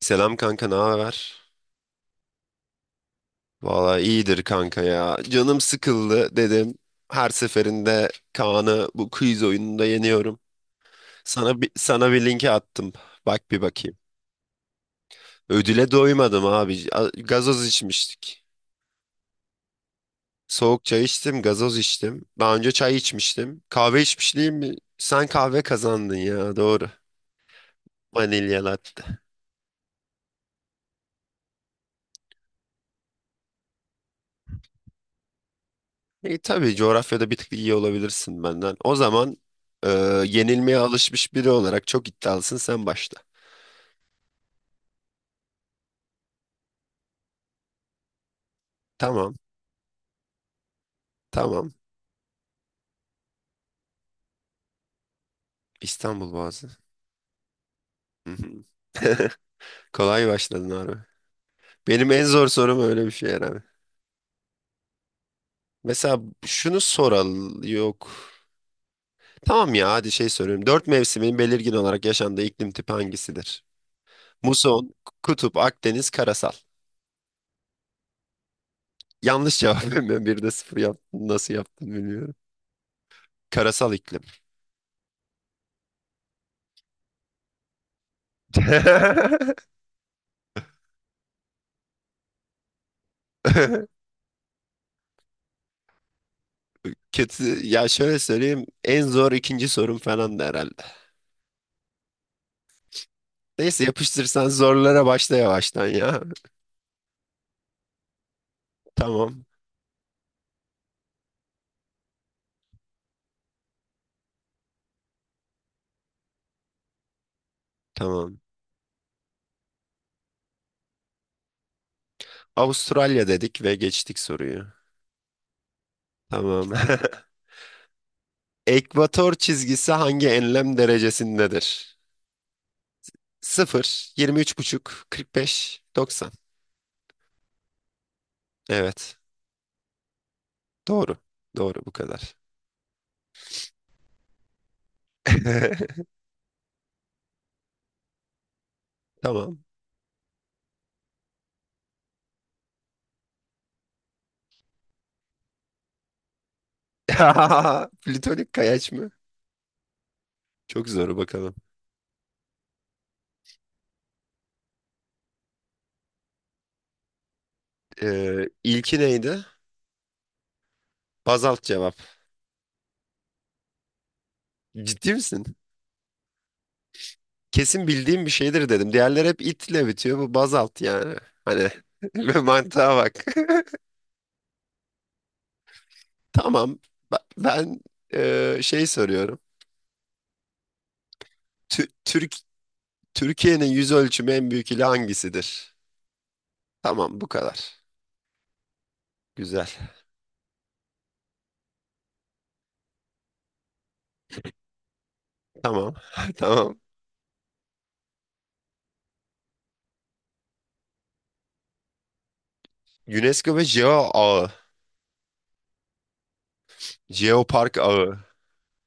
Selam kanka, ne haber? Valla iyidir kanka ya. Canım sıkıldı dedim. Her seferinde Kaan'ı bu quiz oyununda yeniyorum. Sana bir linki attım. Bak bir bakayım. Ödüle doymadım abi. Gazoz içmiştik. Soğuk çay içtim, gazoz içtim. Daha önce çay içmiştim. Kahve içmişliğim mi? Sen kahve kazandın ya, doğru. Vanilya latte. E, tabii coğrafyada bir tık iyi olabilirsin benden. O zaman e, yenilmeye alışmış biri olarak çok iddialısın, sen başla. Tamam, tamam. İstanbul Boğazı. Hı hı. Kolay başladın abi. Benim en zor sorum öyle bir şey herhalde. Mesela şunu soral yok. Tamam ya, hadi şey soruyorum. Dört mevsimin belirgin olarak yaşandığı iklim tipi hangisidir? Muson, kutup, Akdeniz, karasal. Yanlış cevap. Ben bir de sıfır yaptım. Nasıl yaptım bilmiyorum. Karasal iklim. Kötü. Ya şöyle söyleyeyim, en zor ikinci sorum falan da herhalde. Neyse, yapıştırsan zorlara başla yavaştan ya. Tamam, tamam. Avustralya dedik ve geçtik soruyu. Tamam. Ekvator çizgisi hangi enlem derecesindedir? 0, 23,5, 45, 90. Evet. Doğru. Doğru, bu kadar. Tamam. Plütonik kayaç mı? Çok zor, bakalım. İlki neydi? Bazalt cevap. Ciddi misin? Kesin bildiğim bir şeydir dedim. Diğerleri hep itle bitiyor. Bu bazalt yani. Hani mantığa bak. Tamam. Ben şey soruyorum. Tü- Türk Türkiye'nin yüz ölçümü en büyük ili hangisidir? Tamam, bu kadar. Güzel. Tamam. Tamam. UNESCO ve Geo Ağı. Jeopark Ağı.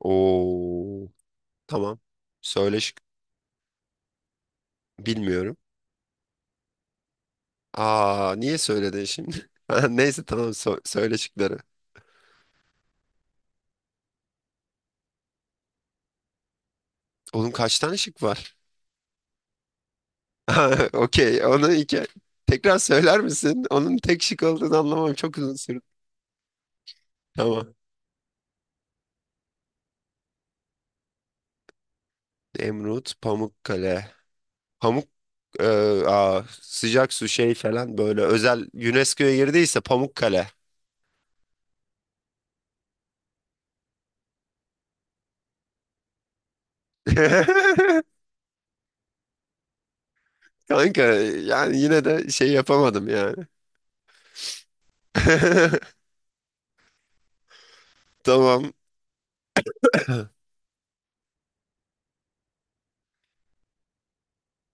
Oo. Tamam. Söyle şık. Bilmiyorum. Aa, niye söyledin şimdi? Ha, neyse, tamam, söyle şıkları. Oğlum, kaç tane şık var? Ha, okey. Onu iki. Tekrar söyler misin? Onun tek şık olduğunu anlamam çok uzun sürdü. Tamam. Nemrut, Pamukkale. Pamuk e, sıcak su şey falan, böyle özel UNESCO'ya girdiyse Pamukkale. Kanka, yani yine de şey yapamadım yani. Tamam.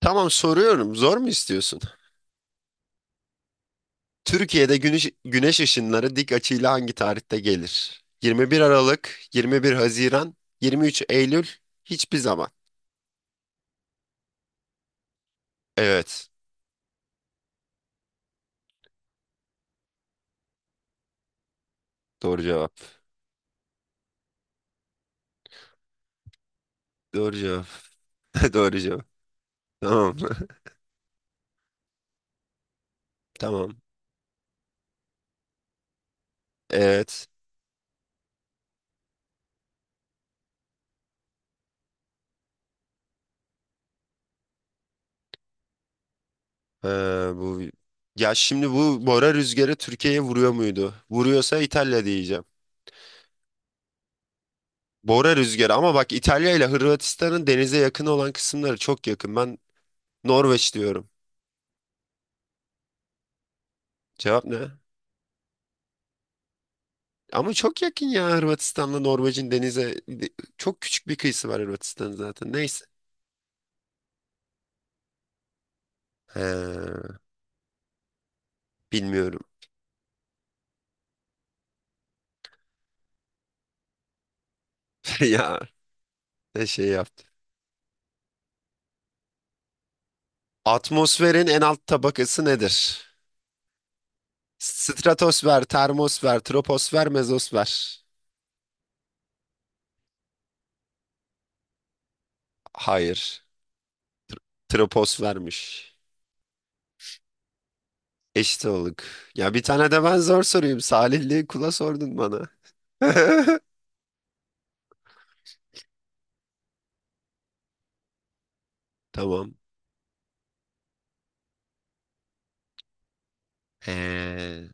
Tamam, soruyorum. Zor mu istiyorsun? Türkiye'de güneş ışınları dik açıyla hangi tarihte gelir? 21 Aralık, 21 Haziran, 23 Eylül, hiçbir zaman. Evet. Doğru cevap. Doğru cevap. Doğru cevap. Tamam. Tamam. Evet. Ee, Bu, ya şimdi bu Bora rüzgarı Türkiye'ye vuruyor muydu? Vuruyorsa İtalya diyeceğim. Bora rüzgarı, ama bak, İtalya ile Hırvatistan'ın denize yakın olan kısımları çok yakın. Ben Norveç diyorum. Cevap ne? Ama çok yakın ya, Hırvatistan'la Norveç'in denize, çok küçük bir kıyısı var Hırvatistan'ın zaten. Neyse. He, bilmiyorum. Ya ne şey yaptı. Atmosferin en alt tabakası nedir? Stratosfer, termosfer, troposfer, mezosfer. Hayır. Tropos vermiş. Eşit olduk. Ya bir tane de ben zor sorayım. Salihli kula sordun bana. Tamam. Ee,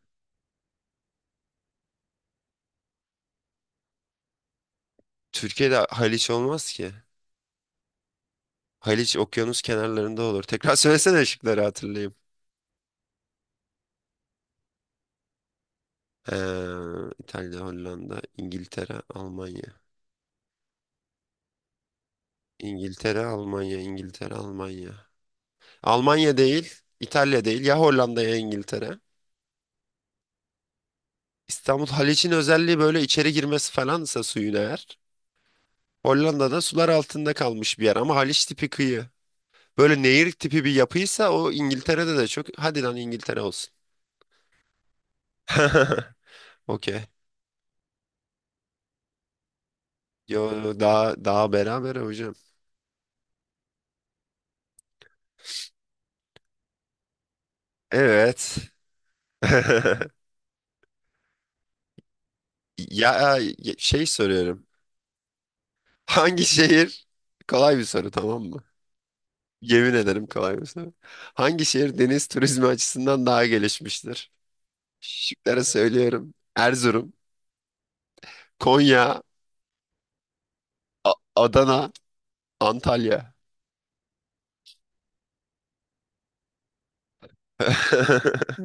Türkiye'de Haliç olmaz ki. Haliç okyanus kenarlarında olur. Tekrar söylesene şıkları, hatırlayayım. Ee, İtalya, Hollanda, İngiltere, Almanya. İngiltere, Almanya, İngiltere, Almanya. Almanya değil, İtalya değil. Ya Hollanda ya İngiltere. İstanbul Haliç'in özelliği böyle içeri girmesi falansa suyun, eğer. Hollanda'da sular altında kalmış bir yer, ama Haliç tipi kıyı. Böyle nehir tipi bir yapıysa o, İngiltere'de de çok. Hadi lan, İngiltere olsun. Okey. Yo, daha daha beraber hocam. Evet. Ya şey soruyorum. Hangi şehir? Kolay bir soru, tamam mı? Yemin ederim, kolay bir soru. Hangi şehir deniz turizmi açısından daha gelişmiştir? Şıkları söylüyorum. Erzurum, Konya, Adana, Antalya.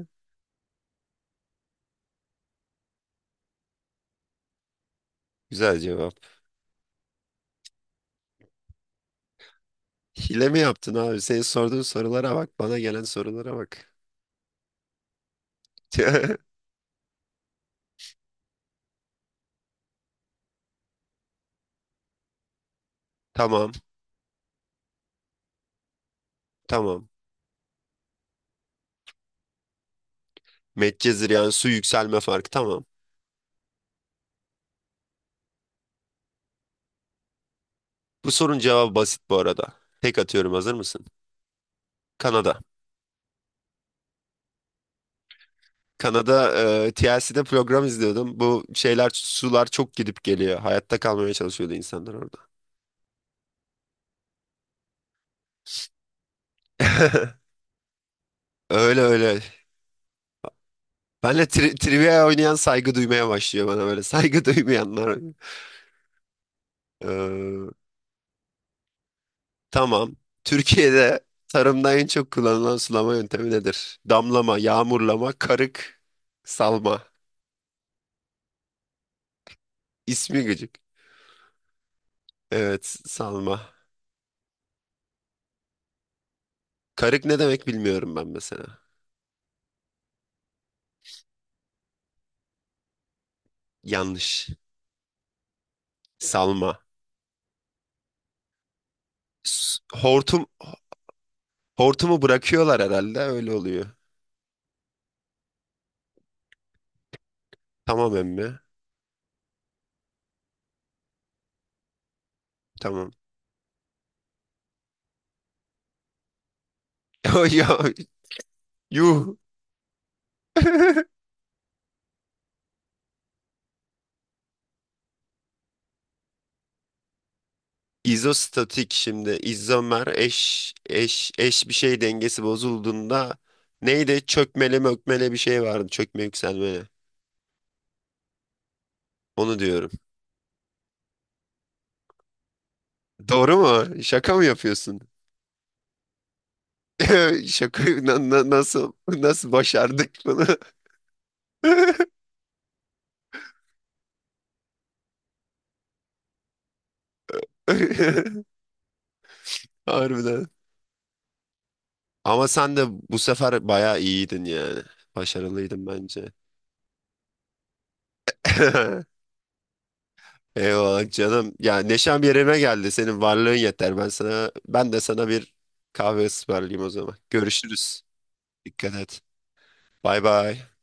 Güzel cevap. Hile mi yaptın abi? Senin sorduğun sorulara bak. Bana gelen sorulara bak. Tamam. Tamam. Medcezir, yani su yükselme farkı. Tamam. Bu sorunun cevabı basit bu arada. Tek atıyorum, hazır mısın? Kanada. Kanada TLC'de program izliyordum. Bu şeyler, sular çok gidip geliyor. Hayatta kalmaya çalışıyordu insanlar orada. Öyle öyle. Benle trivia oynayan saygı duymaya başlıyor bana böyle. Saygı duymayanlar. Ee, Tamam. Türkiye'de tarımda en çok kullanılan sulama yöntemi nedir? Damlama, yağmurlama, karık, salma. İsmi gıcık. Evet, salma. Karık ne demek bilmiyorum ben mesela. Yanlış. Salma. Hortum, hortumu bırakıyorlar herhalde, öyle oluyor. Tamam emmi. Tamam. Ya, yuh. İzostatik, şimdi izomer eş bir şey dengesi bozulduğunda neydi? Çökmeli mökmeli bir şey vardı. Çökme yükselmeli. Onu diyorum. Doğru mu? Şaka mı yapıyorsun? Şaka, nasıl başardık bunu? Harbiden. Ama sen de bu sefer bayağı iyiydin yani. Başarılıydın bence. Eyvallah canım. Ya neşem yerine geldi. Senin varlığın yeter. Ben de sana bir kahve ısmarlayayım o zaman. Görüşürüz. Dikkat et. Bay bay.